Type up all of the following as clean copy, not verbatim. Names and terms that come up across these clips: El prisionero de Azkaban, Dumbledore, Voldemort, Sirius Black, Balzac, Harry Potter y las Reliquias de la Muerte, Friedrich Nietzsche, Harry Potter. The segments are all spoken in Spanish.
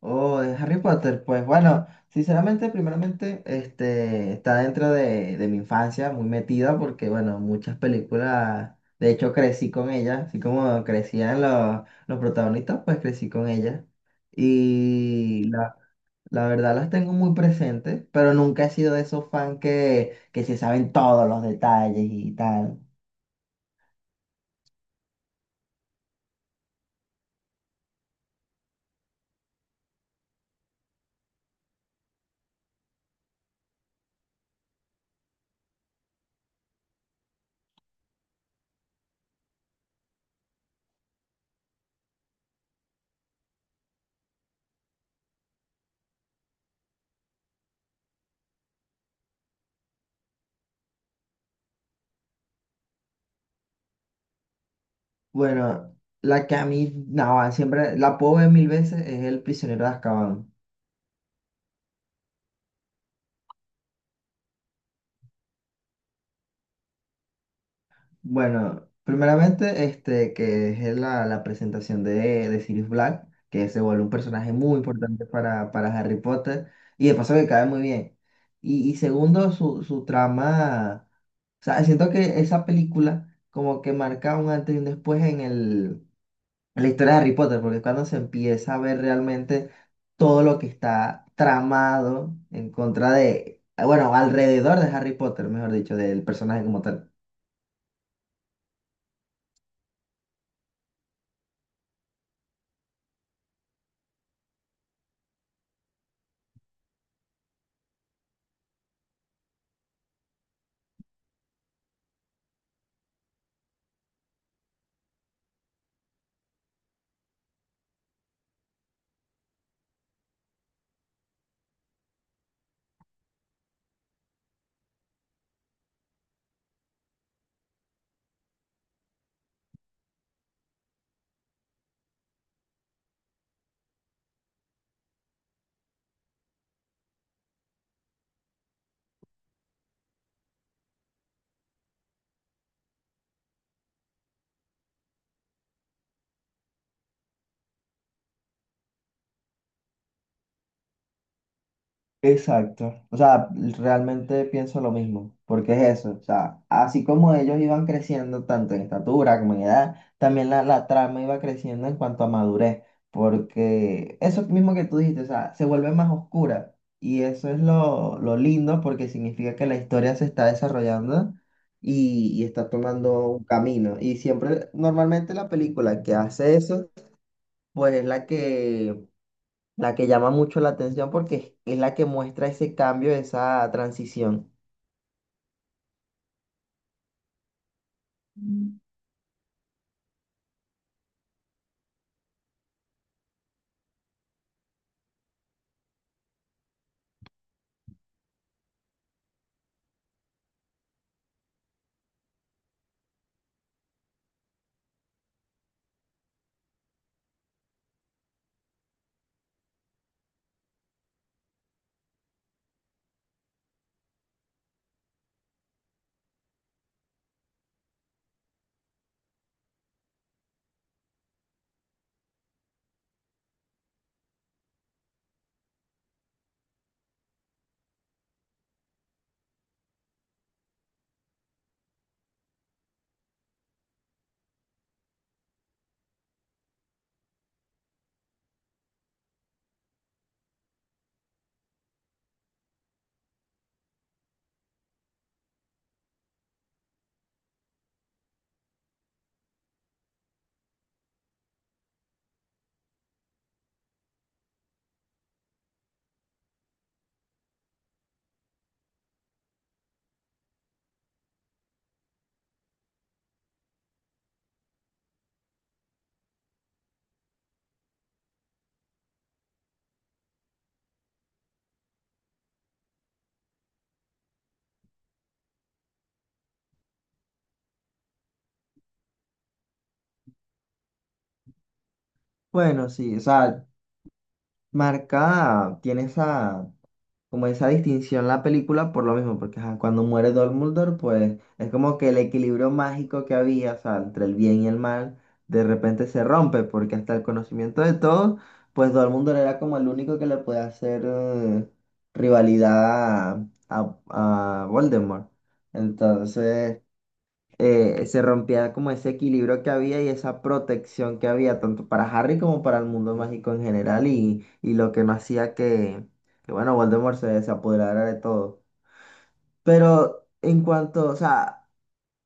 Oh, de Harry Potter, pues bueno, sinceramente, primeramente, está dentro de mi infancia, muy metida, porque bueno, muchas películas, de hecho crecí con ellas, así como crecían los protagonistas, pues crecí con ellas. Y la, la verdad las tengo muy presentes, pero nunca he sido de esos fans que se saben todos los detalles y tal. Bueno, la que a mí, no, siempre la puedo ver mil veces es El prisionero de Azkaban. Bueno, primeramente, que es la presentación de Sirius Black, que se vuelve un personaje muy importante para Harry Potter, y de paso que cae muy bien. Y segundo, su trama, o sea, siento que esa película como que marca un antes y un después en el, en la historia de Harry Potter, porque es cuando se empieza a ver realmente todo lo que está tramado en contra de, bueno, alrededor de Harry Potter, mejor dicho, del personaje como tal. Exacto. O sea, realmente pienso lo mismo, porque es eso. O sea, así como ellos iban creciendo tanto en estatura como en edad, también la trama iba creciendo en cuanto a madurez, porque eso mismo que tú dijiste, o sea, se vuelve más oscura. Y eso es lo lindo porque significa que la historia se está desarrollando y está tomando un camino. Y siempre, normalmente la película que hace eso, pues es la que llama mucho la atención porque es la que muestra ese cambio, esa transición. Mm. Bueno, sí, o sea, marca, tiene esa, como esa distinción la película por lo mismo, porque ajá, cuando muere Dumbledore, pues es como que el equilibrio mágico que había, o sea, entre el bien y el mal, de repente se rompe, porque hasta el conocimiento de todos, pues Dumbledore era como el único que le puede hacer rivalidad a, a Voldemort. Entonces... se rompía como ese equilibrio que había y esa protección que había tanto para Harry como para el mundo mágico en general y lo que no hacía bueno, se apoderara de todo. Pero en cuanto, o sea,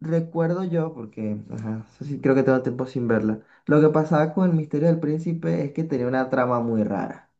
recuerdo yo, porque ajá, eso sí creo que tengo tiempo sin verla, lo que pasaba con el misterio del príncipe es que tenía una trama muy rara.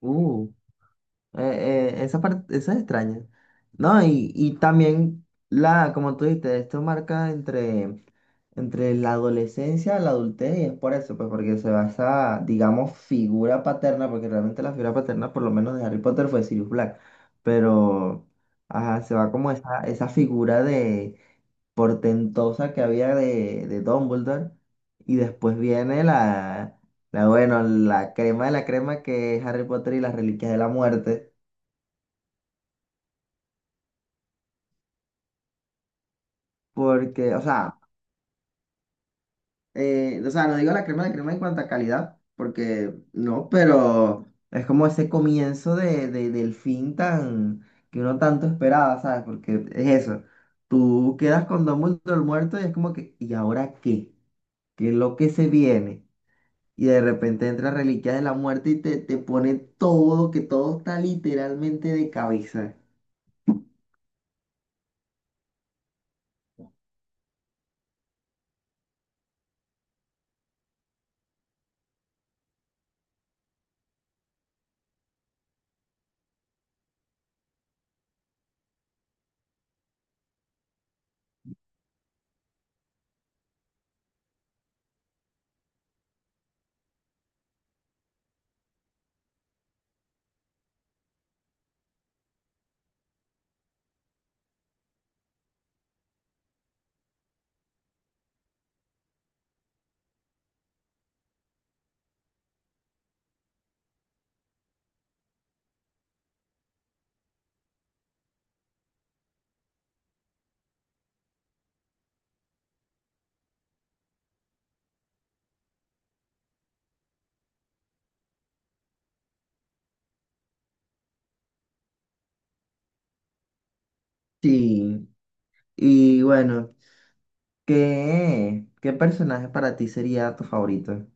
Uh. Esa parte, esa es extraña. No, y también la, como tú dijiste, esto marca entre la adolescencia y la adultez, y es por eso, pues porque se basa, digamos, figura paterna, porque realmente la figura paterna, por lo menos de Harry Potter, fue Sirius Black. Pero, ajá, se va como esa figura de portentosa que había de Dumbledore, y después viene la, bueno, la crema de la crema que es Harry Potter y las Reliquias de la Muerte. Porque, o sea, no digo la crema de crema en cuanto a calidad, porque no, pero es como ese comienzo del fin tan que uno tanto esperaba, ¿sabes? Porque es eso. Tú quedas con Dumbledore muerto y es como que, ¿y ahora qué? ¿Qué es lo que se viene? Y de repente entra Reliquias de la Muerte y te pone todo, que todo está literalmente de cabeza. Sí. Y bueno, ¿qué personaje para ti sería tu favorito?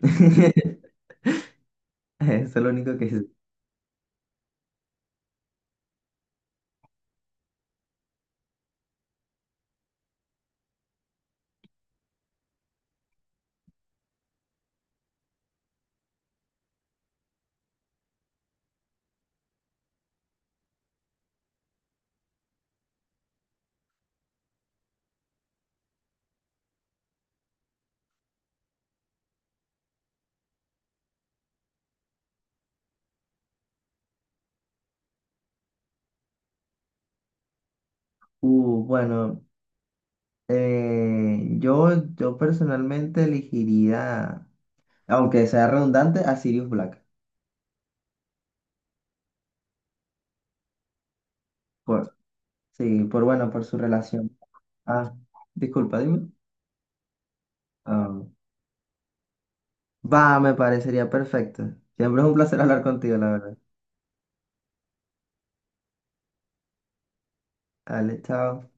Eso es lo único que es. Bueno, yo personalmente elegiría, aunque sea redundante, a Sirius Black. Por, sí, por bueno, por su relación. Ah, disculpa, dime. Ah, va, me parecería perfecto. Siempre es un placer hablar contigo, la verdad. Dale, chao.